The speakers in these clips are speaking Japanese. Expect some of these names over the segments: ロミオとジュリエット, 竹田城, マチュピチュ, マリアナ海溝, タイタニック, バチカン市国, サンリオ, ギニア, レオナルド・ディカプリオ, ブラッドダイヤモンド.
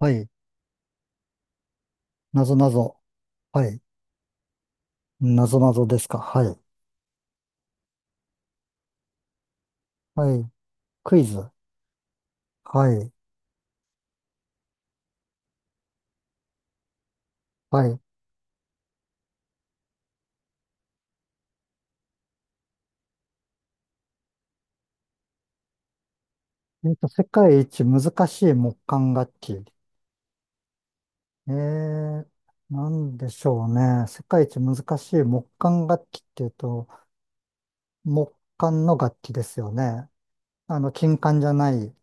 はい。なぞなぞ。はい。なぞなぞですか。はい。はい。クイズ。はい。はい。世界一難しい木管楽器。えー、なんでしょうね。世界一難しい木管楽器っていうと、木管の楽器ですよね。あの、金管じゃない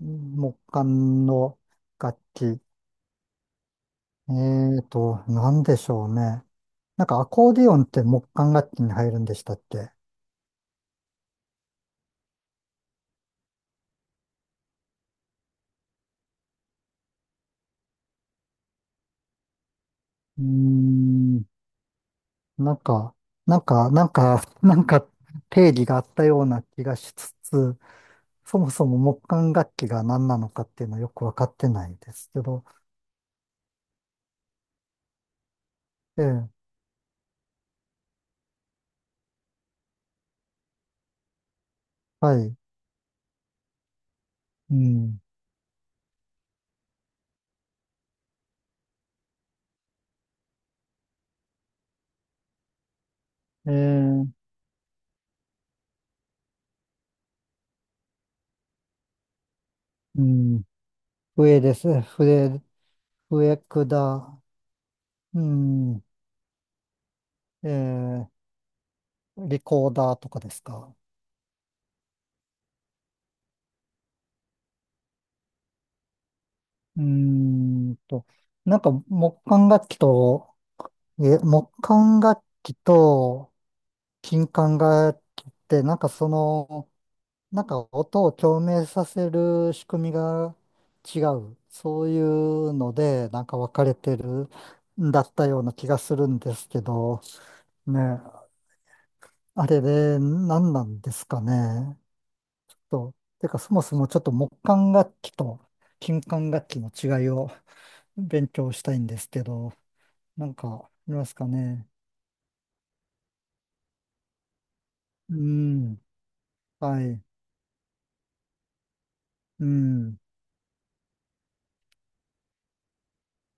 木管の楽器。えなんでしょうね。なんかアコーディオンって木管楽器に入るんでしたっけーん。なんか、なんか、なんか定義があったような気がしつつ、そもそも木管楽器が何なのかっていうのはよくわかってないですけど、ええ、はい、うん、ええ、うん、笛です、笛、笛管、うん、ええ、リコーダーとかですか。うーんと、なんか木管楽器と、木管楽器と金管楽器って、なんか音を共鳴させる仕組みが違う。そういうので、なんか分かれてるんだったような気がするんですけど、ね、あれで何なんですかね。と、てかそもそもちょっと木管楽器と金管楽器の違いを 勉強したいんですけど、なんかありますかね。うん、はい、うん、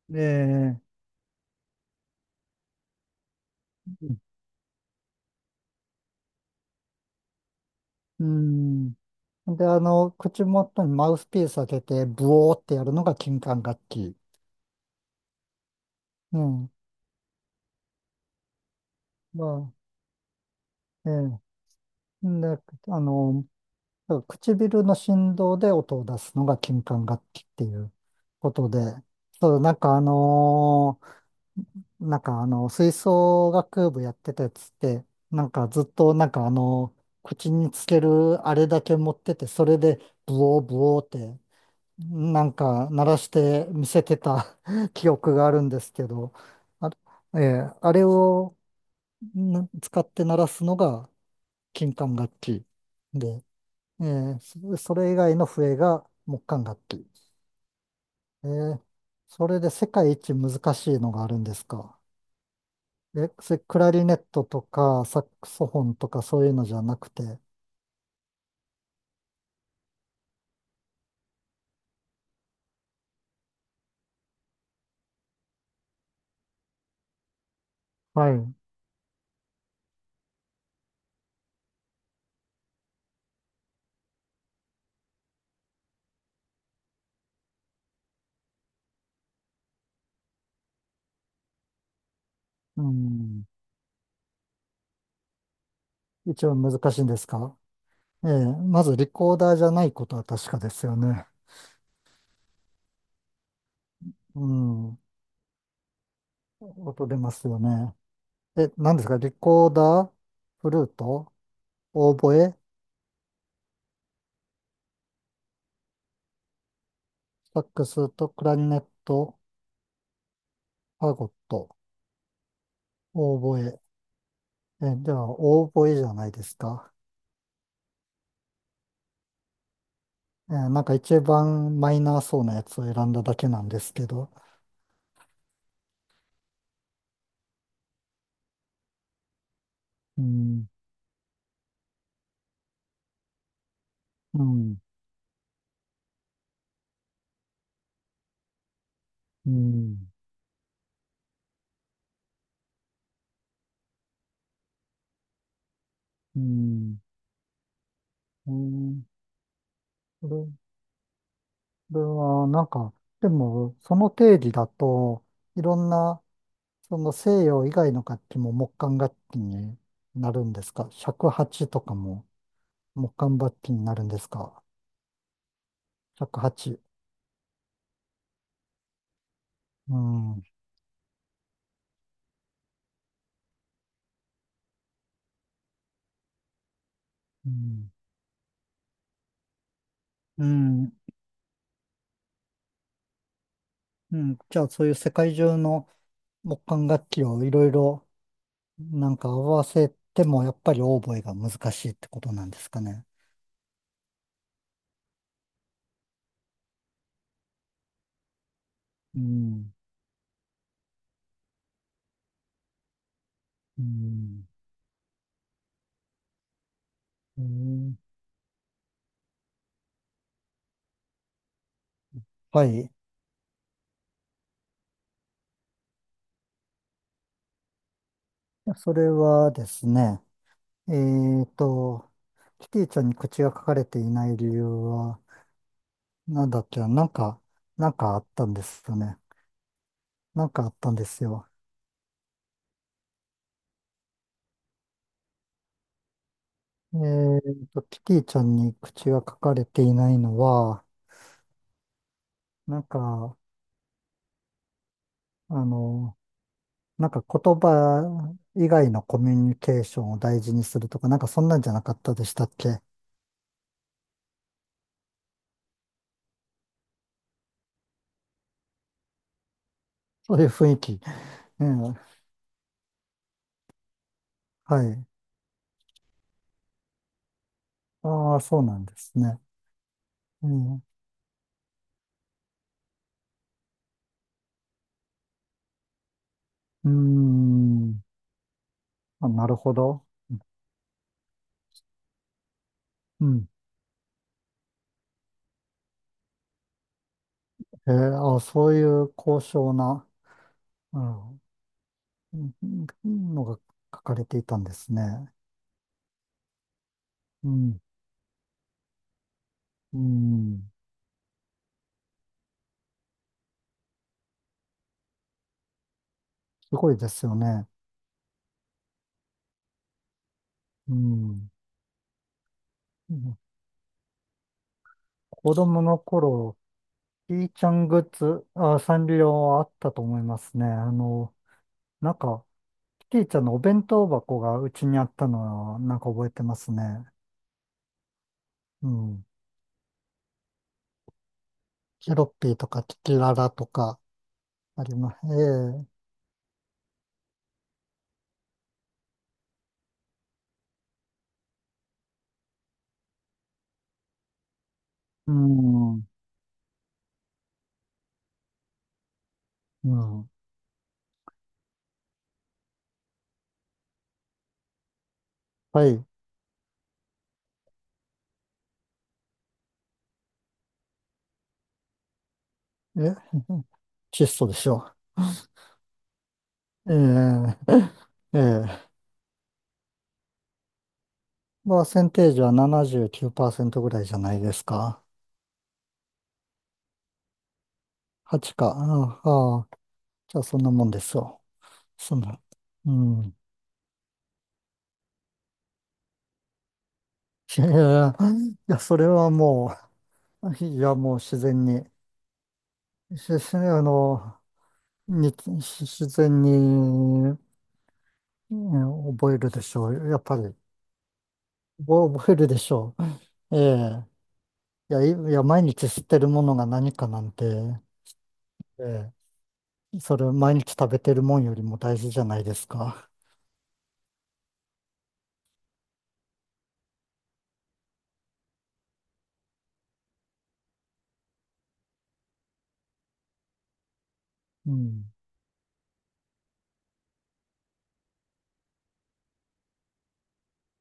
で、うん、で、あの、口元にマウスピース当てて、ブオーってやるのが金管楽器。うん。まあ、ええ。で、あの、唇の振動で音を出すのが金管楽器っていうことで、そう、なんかあの、吹奏楽部やってたやつって、なんかずっとあの、口につけるあれだけ持ってて、それでブオーブオーってなんか鳴らして見せてた 記憶があるんですけど、あ、あれを使って鳴らすのが金管楽器で、えそれ以外の笛が木管楽器。ええそれで世界一難しいのがあるんですか。え、それクラリネットとかサックスフォンとかそういうのじゃなくて、はい。うん、一番難しいんですか。ええまずリコーダーじゃないことは確かですよね。うん。音出ますよね。え、何ですかリコーダー、フルート、オーボエ、サックスとクラリネット、ファゴット、オーボエ。え、では、オーボエじゃないですか。えーなんか一番マイナーそうなやつを選んだだけなんですけど。うん、うん、うん、うん、うん。これ、これは、なんか、でも、その定義だといろんなその西洋以外の楽器も木管楽器になるんですか？尺八とかも木管楽器になるんですか？尺八うん。うん。うん。うんじゃあそういう世界中の木管楽器をいろいろなんか合わせてもやっぱりオーボエが難しいってことなんですかね。うん。うん。うんはい。それはですね、えっと、キティちゃんに口が書かれていない理由は、なんだっけ、なんか、なんかあったんですよね。なんかあったんですよ。えーと、キティちゃんに口が書かれていないのは、なんか、あの、なんか言葉以外のコミュニケーションを大事にするとか、なんかそんなんじゃなかったでしたっけ？そういう雰囲気。ええはい。ああ、そうなんですね。うん、うーん、あ、なるほど。うん。えー、あ、そういう高尚なうんうんうんのが書かれていたんですね。うん、うん、すごいですよね。うん、うん子供の頃、キーちゃんグッズ、あ、サンリオあったと思いますね。あの、なんか、キティちゃんのお弁当箱がうちにあったのは、なんか覚えてますね。うん。ケロッピーとかキキララとかあります。ええうん、うん。はい。え、窒素でしょう。ええええパーセンテージは79%ぐらいじゃないですか。8か。ああ、ああじゃあそんなもんですよ。そんな、うん。いやそれはもう、いや、もう自然に、しあの、に、自然に、うん覚えるでしょう。やっぱり、覚えるでしょう。ええ。いや、いいや、毎日吸ってるものが何かなんて、ええ、それ毎日食べてるもんよりも大事じゃないですか。うん。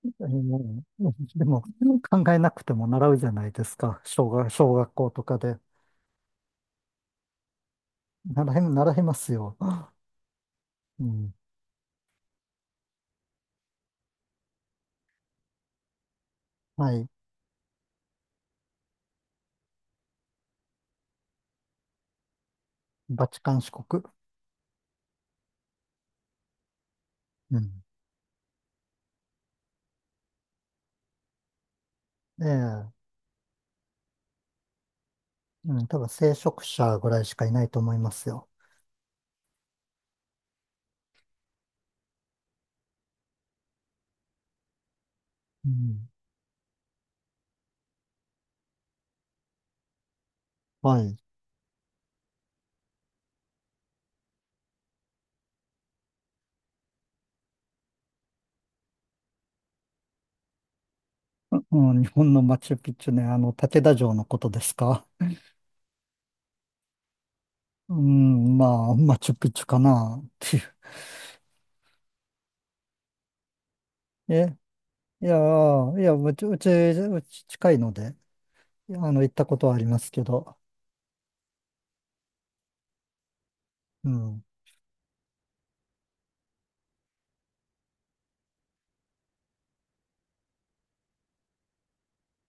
えー でも、考えなくても習うじゃないですか。小学、小学校とかで。習い、習いますよ。うん。はい。バチカン市国。うん。ええうん。多分、聖職者ぐらいしかいないと思いますよ。うん。はい。うん、日本のマチュピチュね、あの、竹田城のことですか。うん、まあ、マチュピチュかな、っていう。え、いや、うち近いので、あの、行ったことはありますけど。うん。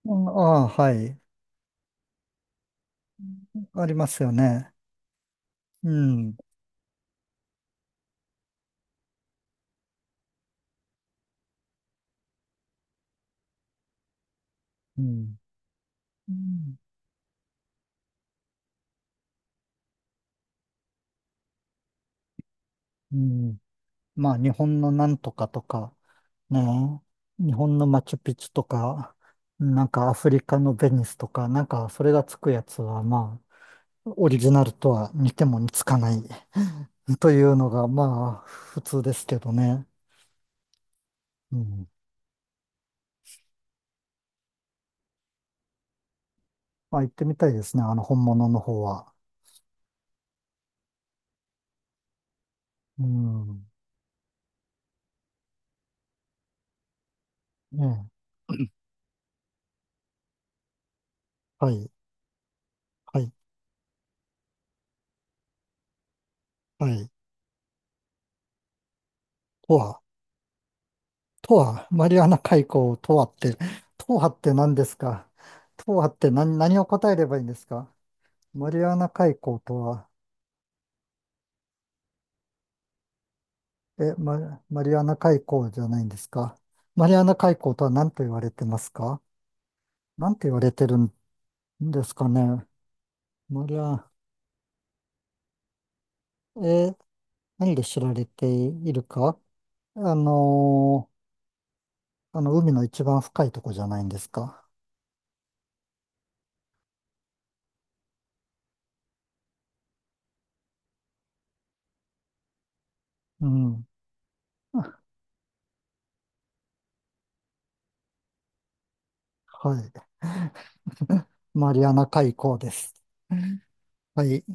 うんああ、はい。ありますよね。うん。うん。うん。うんまあ、日本のなんとかとか、ね。日本のマチュピチュとか、なんかアフリカのベニスとか、なんかそれがつくやつは、まあ、オリジナルとは似ても似つかない というのが、まあ、普通ですけどね。うん。まあ、行ってみたいですね。あの、本物の方は。うん。ねえ。はい。はい。はい。とは。とは、マリアナ海溝とはって、とはって何ですか？とはって何、何を答えればいいんですか？マリアナ海溝とは、マリアナ海溝じゃないんですか？マリアナ海溝とは何と言われてますか？何と言われてるんですかね？マリア、え、何で知られているか、あのあの、海の一番深いとこじゃないんですか？うん。はい。マリアナ海溝です。はい。